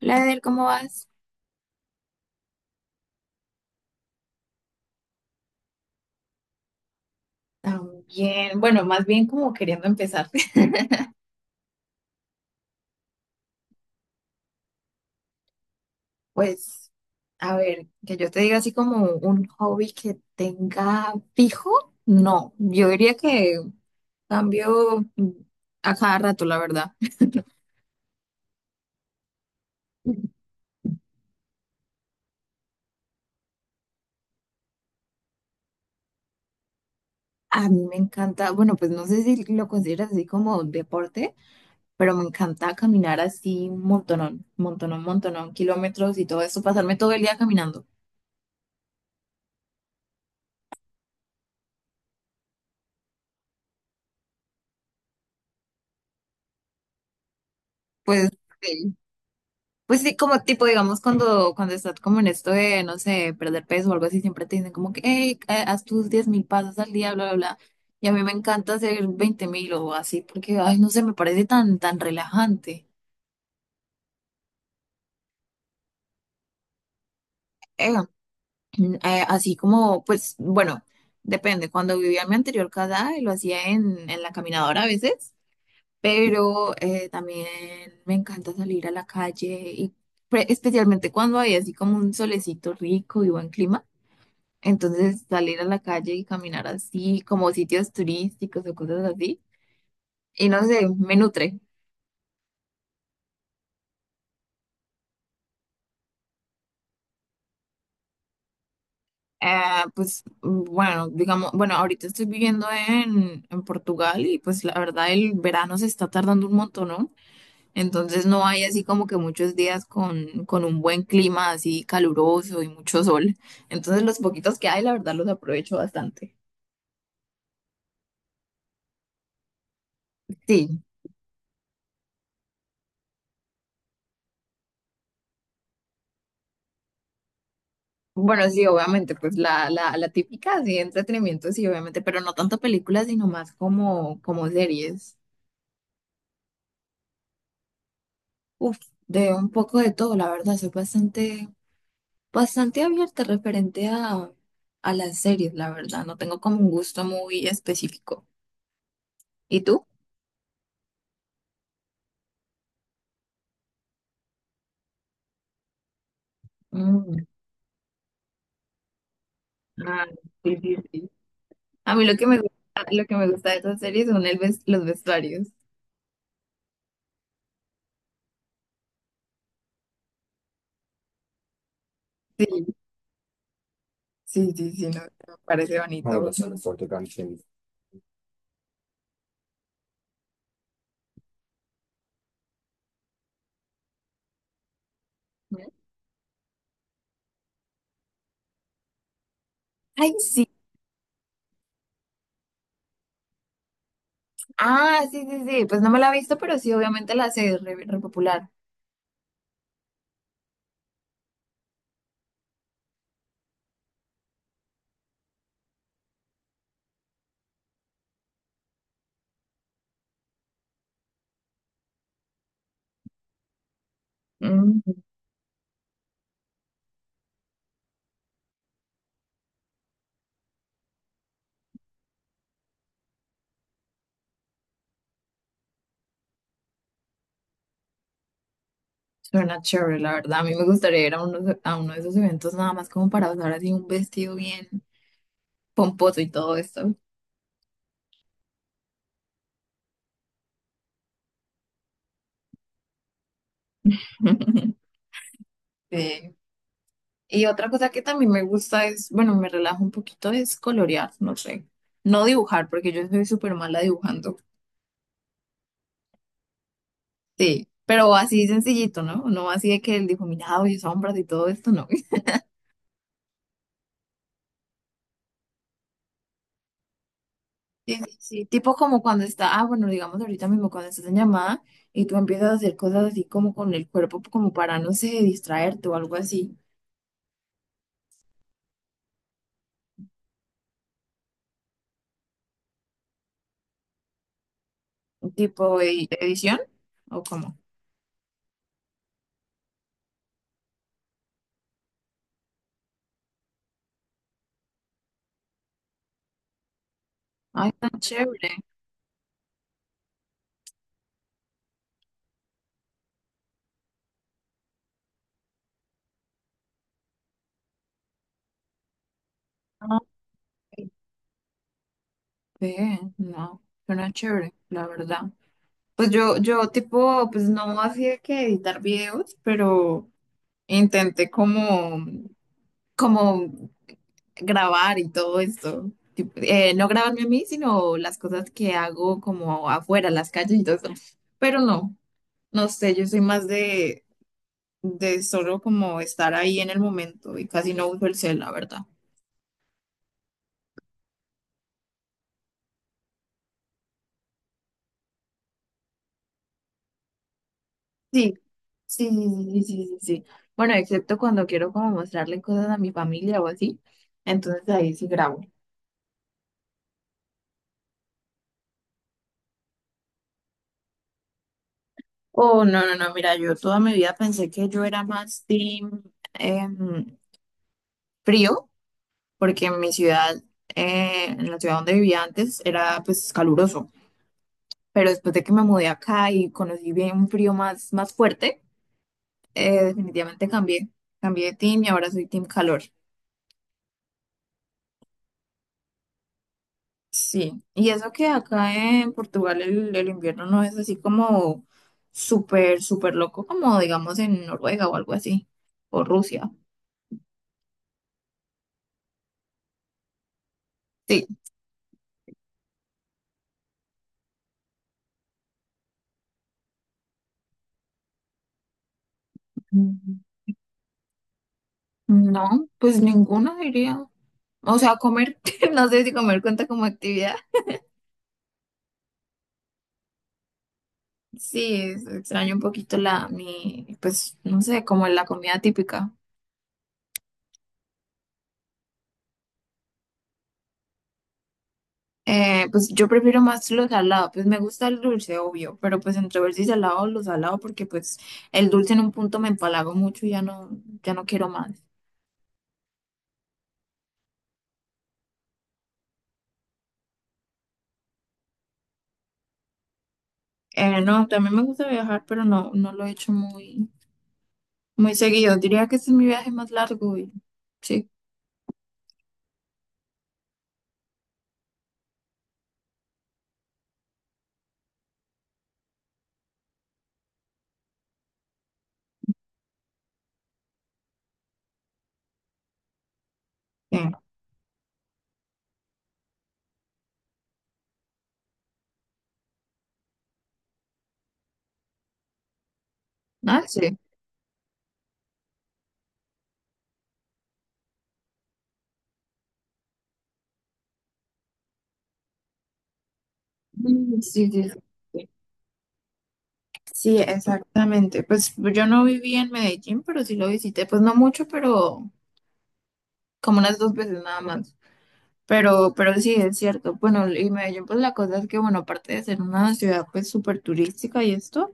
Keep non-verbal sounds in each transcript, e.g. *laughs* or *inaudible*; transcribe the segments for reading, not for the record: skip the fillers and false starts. Hola, Adel, ¿cómo vas? También, bueno, más bien como queriendo empezar. *laughs* Pues, a ver, que yo te diga así como un hobby que tenga fijo, no, yo diría que cambio a cada rato, la verdad. A mí me encanta, bueno, pues no sé si lo consideras así como deporte, pero me encanta caminar así un montonón, montonón, montonón, kilómetros y todo eso, pasarme todo el día caminando. Pues, sí. Pues sí, como tipo, digamos, cuando estás como en esto de, no sé, perder peso o algo así, siempre te dicen como que, hey, haz tus 10.000 pasos al día, bla, bla, bla. Y a mí me encanta hacer 20.000 o así, porque, ay, no sé, me parece tan, tan relajante. Eh, Así como, pues, bueno, depende. Cuando vivía en mi anterior casa, lo hacía en la caminadora a veces, pero también me encanta salir a la calle y especialmente cuando hay así como un solecito rico y buen clima. Entonces salir a la calle y caminar así, como sitios turísticos o cosas así, y no sé, me nutre. Ah, pues bueno, digamos, bueno, ahorita estoy viviendo en Portugal y pues la verdad el verano se está tardando un montón, ¿no? Entonces no hay así como que muchos días con un buen clima así caluroso y mucho sol. Entonces los poquitos que hay, la verdad los aprovecho bastante. Sí. Bueno, sí, obviamente, pues la típica, sí, entretenimiento, sí, obviamente, pero no tanto películas, sino más como, como series. Uf, de un poco de todo, la verdad, soy bastante, bastante abierta referente a las series, la verdad, no tengo como un gusto muy específico. ¿Y tú? Mm, ah, sí, sí, sí. A mí lo que me gusta, lo que me gusta de esas series son los vestuarios. Sí, sí, sí, sí, no, me parece, ah, bonito, ay, sí. Ah, sí, sí, sí. Pues no me la he visto, pero sí, obviamente la sé, es re, re popular. Mm, suena chévere, la verdad. A mí me gustaría ir a uno, a uno de esos eventos nada más como para usar así un vestido bien pomposo y todo esto. *laughs* Sí. Y otra cosa que también me gusta es, bueno, me relajo un poquito, es colorear, no sé. No dibujar, porque yo soy súper mala dibujando. Sí, pero así sencillito, ¿no? No así de que el difuminado y sombras y todo esto, no. Sí, sí, sí, tipo como cuando está, ah, bueno, digamos ahorita mismo cuando estás en llamada y tú empiezas a hacer cosas así como con el cuerpo, como para, no sé, distraerte o algo así, tipo edición o como, ay, tan chévere, ah, ve, no, suena chévere, la verdad. Pues yo tipo, pues no hacía que editar videos, pero intenté como como grabar y todo esto. Tipo, no grabarme a mí, sino las cosas que hago como afuera, las calles y todo eso. Pero no, no sé, yo soy más de solo como estar ahí en el momento y casi no uso el cel, la verdad. Sí, sí, sí, sí, sí, sí, sí. Bueno, excepto cuando quiero como mostrarle cosas a mi familia o así, entonces ahí sí grabo. Oh, no, no, no, mira, yo toda mi vida pensé que yo era más team em, frío, porque en mi ciudad, en la ciudad donde vivía antes, era pues caluroso, pero después de que me mudé acá y conocí bien un frío más, más fuerte, definitivamente cambié, cambié de team y ahora soy team calor. Sí, y eso que acá en Portugal el invierno no es así como súper, súper loco como digamos en Noruega o algo así, o Rusia. Sí. Mm, no, pues ninguno diría. O sea, comer, *laughs* no sé si comer cuenta como actividad. Sí, extraño un poquito la, mi, pues, no sé, como la comida típica. Pues yo prefiero más lo salado, pues me gusta el dulce, obvio, pero pues entre ver si salado o lo salado, porque pues el dulce en un punto me empalago mucho y ya no, ya no quiero más. No, también me gusta viajar, pero no, no lo he hecho muy, muy seguido. Diría que este es mi viaje más largo y sí, eh, ah, sí. Mm, sí, sí, sí, sí. Sí, exactamente. Pues yo no viví en Medellín, pero sí lo visité, pues no mucho, pero como unas dos veces nada más. Pero sí, es cierto. Bueno, y Medellín, pues la cosa es que, bueno, aparte de ser una ciudad pues súper turística y esto,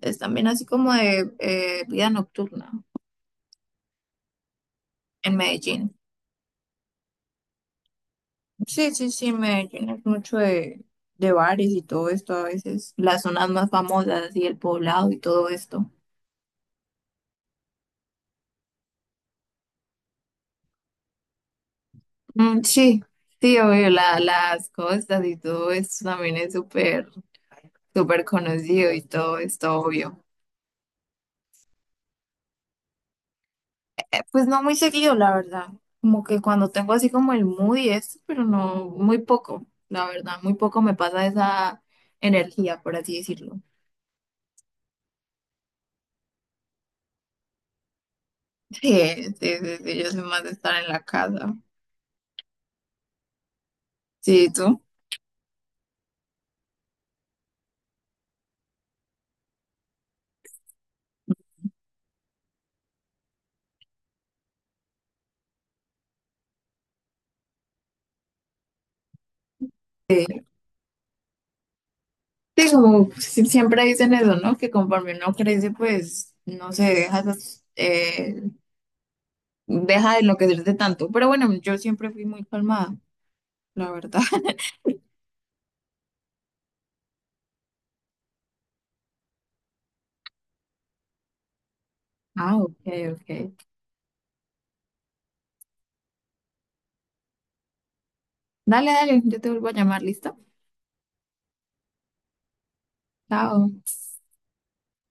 es también así como de vida nocturna en Medellín. Sí, sí, sí, Medellín es mucho de bares y todo esto a veces, las zonas más famosas y el poblado y todo esto. Mm, sí, sí, obvio, las costas y todo esto también es súper, súper conocido y todo esto, obvio. Pues no muy seguido, la verdad. Como que cuando tengo así como el mood y esto, pero no, muy poco, la verdad, muy poco me pasa esa energía, por así decirlo. *laughs* Sí, sí, sí, sí, yo soy más de estar en la casa. Sí, ¿tú? Sí, como siempre dicen eso, ¿no? Que conforme uno crece, pues, no sé, deja esas, deja de enloquecerse tanto. Pero bueno, yo siempre fui muy calmada, la verdad. *laughs* Ah, ok, ok. Dale, dale, yo te vuelvo a llamar, ¿listo? Chao.